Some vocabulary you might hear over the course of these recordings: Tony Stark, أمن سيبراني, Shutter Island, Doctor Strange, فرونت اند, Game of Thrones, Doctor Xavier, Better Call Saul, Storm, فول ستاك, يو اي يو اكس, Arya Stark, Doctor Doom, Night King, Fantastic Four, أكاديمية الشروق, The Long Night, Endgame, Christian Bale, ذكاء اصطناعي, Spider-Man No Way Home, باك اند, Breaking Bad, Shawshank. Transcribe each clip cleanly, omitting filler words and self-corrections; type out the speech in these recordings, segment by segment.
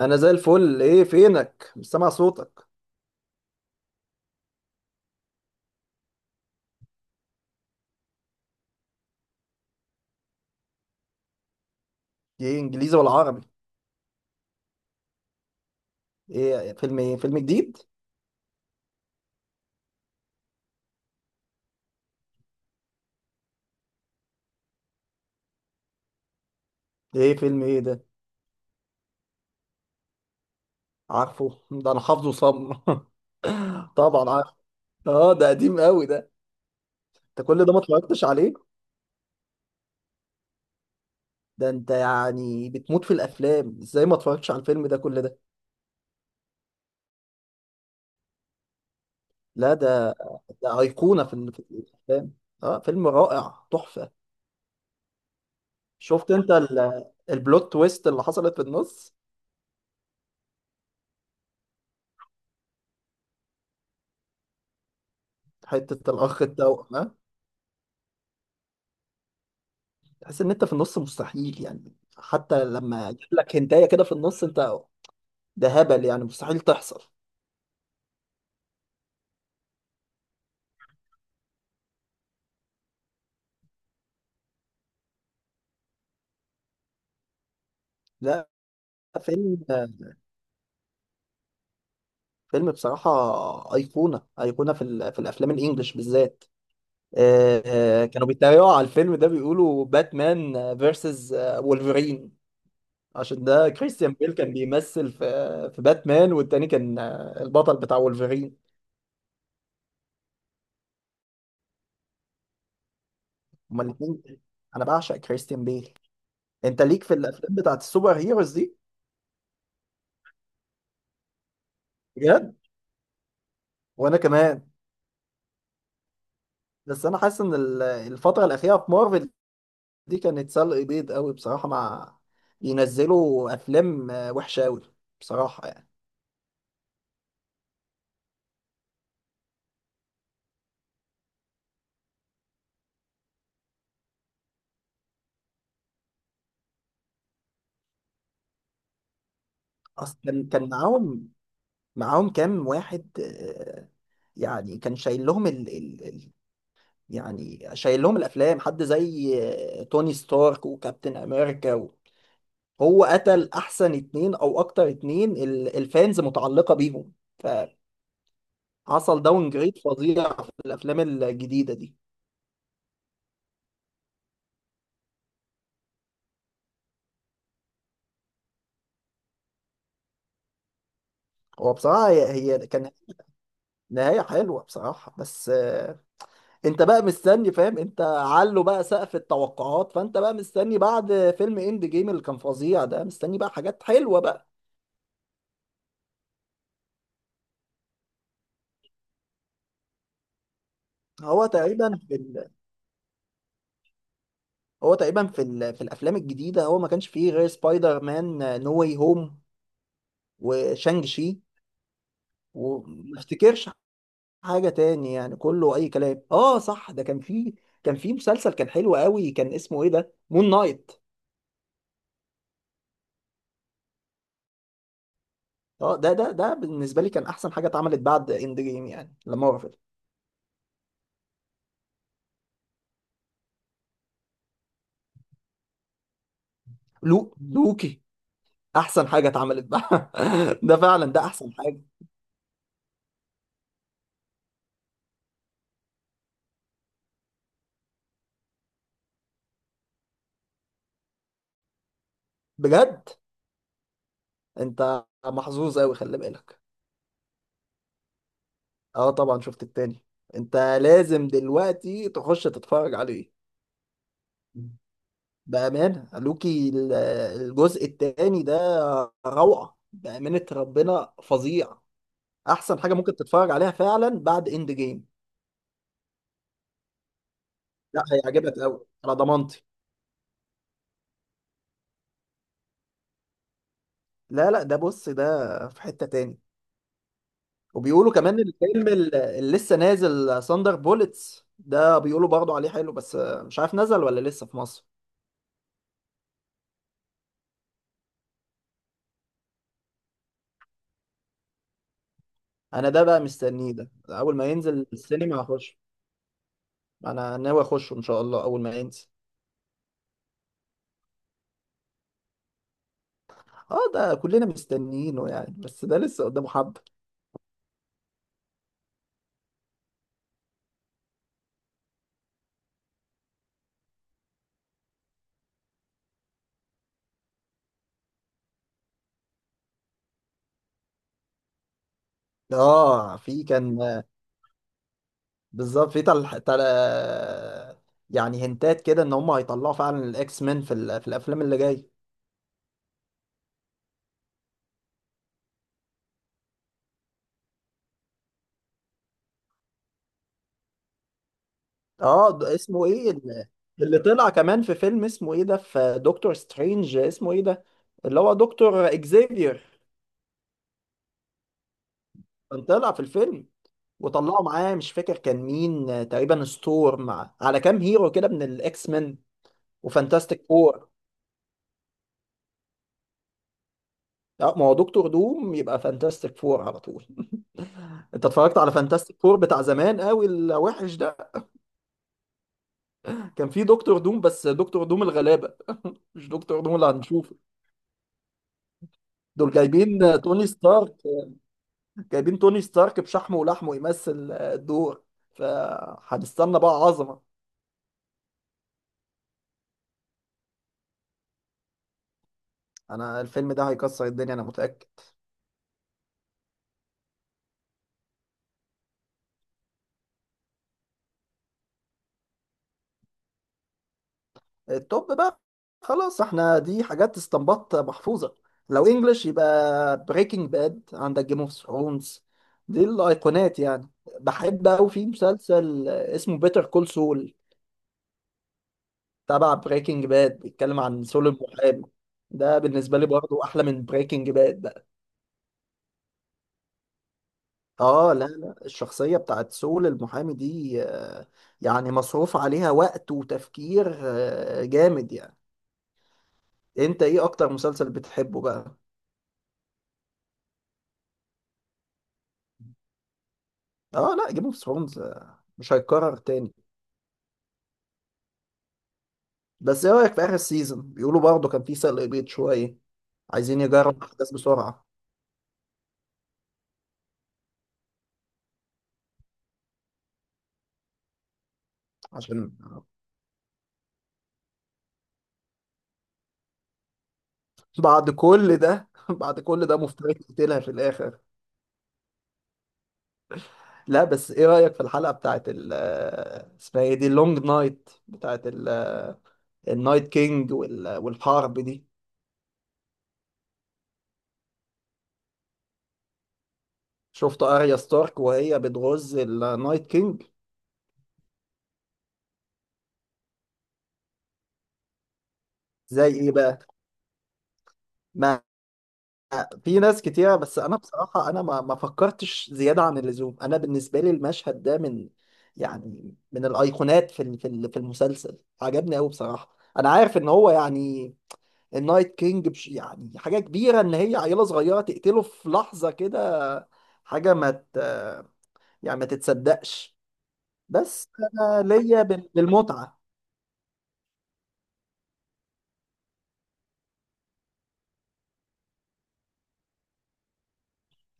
انا زي الفل. ايه فينك؟ مش سامع صوتك. ايه، انجليزي ولا عربي؟ ايه فيلم؟ ايه فيلم جديد؟ ايه فيلم ايه ده؟ عارفه ده انا حافظه صم. طبعا عارف. اه، ده قديم قوي ده. انت كل ده ما اتفرجتش عليه؟ ده انت يعني بتموت في الافلام، ازاي ما اتفرجتش على الفيلم ده كل ده؟ لا، ده ده ايقونة في الافلام. اه فيلم رائع، تحفة. شفت انت البلوت تويست اللي حصلت في النص؟ حتة الاخ التوأم، آه؟ تحس ان انت في النص مستحيل يعني. حتى لما يجيب لك هنتايه كده في النص انت، ده هبل يعني مستحيل تحصل. لا فيلم، فيلم بصراحه، ايقونه ايقونه في الافلام الانجليش بالذات. آه، كانوا بيتريقوا على الفيلم ده، بيقولوا باتمان فيرسز وولفرين. عشان ده كريستيان بيل كان بيمثل في باتمان، والتاني كان البطل بتاع وولفرين. هما الاثنين. انا بعشق كريستيان بيل. انت ليك في الافلام بتاعت السوبر هيروز دي؟ بجد، وانا كمان. بس انا حاسس ان الفتره الاخيره في مارفل دي كانت سلق بيض قوي بصراحه، مع بينزلوا افلام وحشه قوي بصراحه يعني. اصلا كان معاهم، معاهم كام واحد، يعني كان شايل لهم يعني شايل لهم الافلام حد زي توني ستارك وكابتن امريكا هو قتل احسن اتنين او اكتر، اتنين الفانز متعلقه بيهم. فحصل داون جريد فظيع في الافلام الجديده دي. هو بصراحة هي كان نهاية حلوة بصراحة، بس انت بقى مستني، فاهم؟ انت علو بقى سقف التوقعات، فانت بقى مستني بعد فيلم اند جيم اللي كان فظيع ده، مستني بقى حاجات حلوة بقى. هو تقريبا هو تقريبا في الافلام الجديدة هو ما كانش فيه غير سبايدر مان نو واي هوم وشانج شي. وما افتكرش حاجة تاني يعني، كله اي كلام. اه صح، ده كان فيه، كان فيه مسلسل كان حلو قوي، كان اسمه ايه ده؟ مون نايت. اه ده بالنسبه لي كان احسن حاجه اتعملت بعد اند جيم يعني، لما وقفت. لوكي، احسن حاجه اتعملت بقى. ده فعلا ده احسن حاجه. بجد، انت محظوظ قوي، خلي بالك. اه طبعا شفت التاني. انت لازم دلوقتي تخش تتفرج عليه، بامانه. لوكي الجزء التاني ده روعه، بامانه. ربنا، فظيع. احسن حاجه ممكن تتفرج عليها فعلا بعد اند جيم. لا هيعجبك قوي، على ضمانتي. لا لا، ده بص ده في حتة تاني. وبيقولوا كمان الفيلم اللي لسه نازل ساندر بولتس ده، بيقولوا برضه عليه حلو، بس مش عارف نزل ولا لسه في مصر. انا ده بقى مستنيه، ده اول ما ينزل السينما هخش. انا ناوي اخشه ان شاء الله اول ما ينزل. اه ده كلنا مستنيينه يعني، بس ده لسه قدامه حبة. اه في كان، بالظبط. في يعني هنتات كده ان هم هيطلعوا فعلا الاكس مان، في, في الافلام اللي جايه. اه، ده اسمه ايه اللي طلع كمان في فيلم اسمه ايه ده، في دكتور سترينج، اسمه ايه ده، اللي هو دكتور اكزيفير. كان طلع في الفيلم، وطلعوا معاه مش فاكر كان مين، تقريبا ستورم، على كام هيرو كده من الاكس مان وفانتاستيك فور. اه ما هو دكتور دوم يبقى فانتاستيك فور على طول. انت اتفرجت على فانتاستيك فور بتاع زمان قوي، الوحش ده؟ كان فيه دكتور دوم، بس دكتور دوم الغلابة مش دكتور دوم اللي هنشوفه. دول جايبين توني ستارك، جايبين توني ستارك بشحمه ولحمه يمثل الدور. فهنستنى بقى عظمة. انا الفيلم ده هيكسر الدنيا، انا متأكد. التوب بقى، خلاص احنا دي حاجات استنباط محفوظة. لو انجلش يبقى بريكنج باد، عندك جيم اوف ثرونز، دي الايقونات يعني. بحب قوي في مسلسل اسمه بيتر كول سول، تبع بريكنج باد، بيتكلم عن سول المحامي. ده بالنسبة لي برضو احلى من بريكنج باد. اه لا، لا، الشخصية بتاعت سول المحامي دي يعني مصروف عليها وقت وتفكير جامد يعني. انت ايه اكتر مسلسل بتحبه بقى؟ اه لا، جيم اوف ثرونز مش هيتكرر تاني. بس ايه رأيك في اخر سيزون؟ بيقولوا برضه كان في سلق بيض شوية، عايزين يجربوا الاحداث بسرعة، عشان بعد كل ده بعد كل ده مفترض يقتلها في الاخر. لا بس ايه رأيك في الحلقة بتاعت ال آه، اسمها ايه دي، اللونج نايت بتاعت النايت كينج والحرب دي؟ شفت اريا ستارك وهي بتغز النايت كينج؟ زي ايه بقى، ما في ناس كتيرة، بس انا بصراحة انا ما فكرتش زيادة عن اللزوم. انا بالنسبة لي المشهد ده من، يعني من الايقونات في المسلسل، عجبني قوي بصراحة. انا عارف ان هو يعني، النايت كينج بش يعني حاجة كبيرة ان هي عيلة صغيرة تقتله في لحظة كده، حاجة ما ت... يعني ما تتصدقش. بس انا ليا بالمتعة.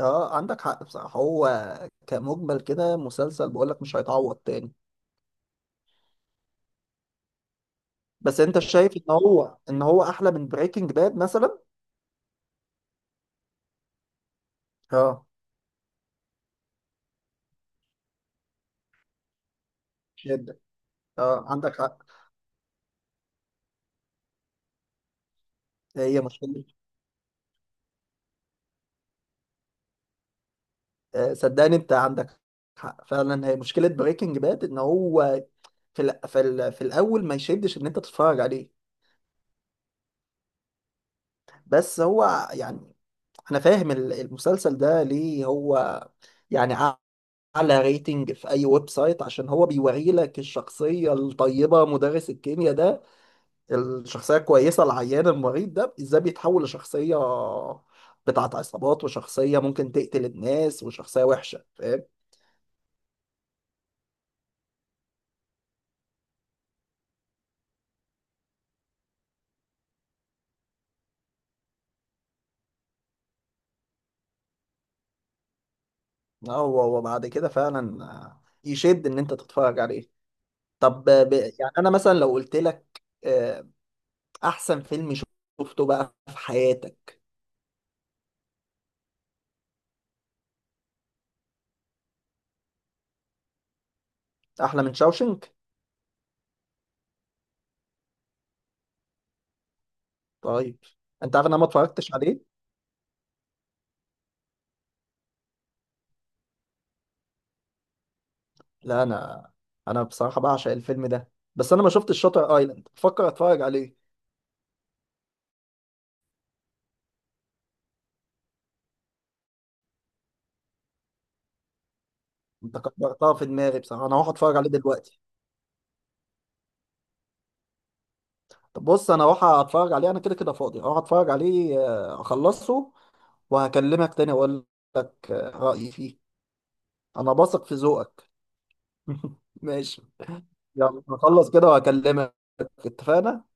اه عندك حق بصراحة. هو كمجمل كده مسلسل بقولك مش هيتعوض تاني. بس انت شايف ان هو احلى من بريكنج باد مثلا؟ اه جدا. اه عندك حق، هي مشكلة. صدقني انت عندك حق فعلا، هي مشكلة بريكنج باد ان هو في الاول ما يشدش ان انت تتفرج عليه. بس هو يعني، انا فاهم المسلسل ده ليه هو يعني اعلى ريتنج في اي ويب سايت، عشان هو بيوري لك الشخصية الطيبة، مدرس الكيمياء ده، الشخصية الكويسة العيان المريض ده، ازاي بيتحول لشخصية بتاعت عصابات، وشخصية ممكن تقتل الناس، وشخصية وحشة، فاهم؟ آه، هو وبعد كده فعلا يشد ان انت تتفرج عليه. طب يعني انا مثلا لو قلت لك احسن فيلم شفته بقى في حياتك؟ احلى من شاوشنك؟ طيب انت عارف إن انا ما اتفرجتش عليه. لا انا، انا بصراحة بعشق الفيلم ده، بس انا ما شفتش شاتر ايلاند، بفكر اتفرج عليه. انت كبرتها في دماغي بصراحة، انا هروح اتفرج عليه دلوقتي. طب بص، انا هروح اتفرج عليه، انا كده كده فاضي، هروح اتفرج عليه اخلصه وهكلمك تاني اقول لك رأيي فيه. انا بثق في ذوقك. ماشي، يلا هخلص كده وهكلمك. اتفقنا.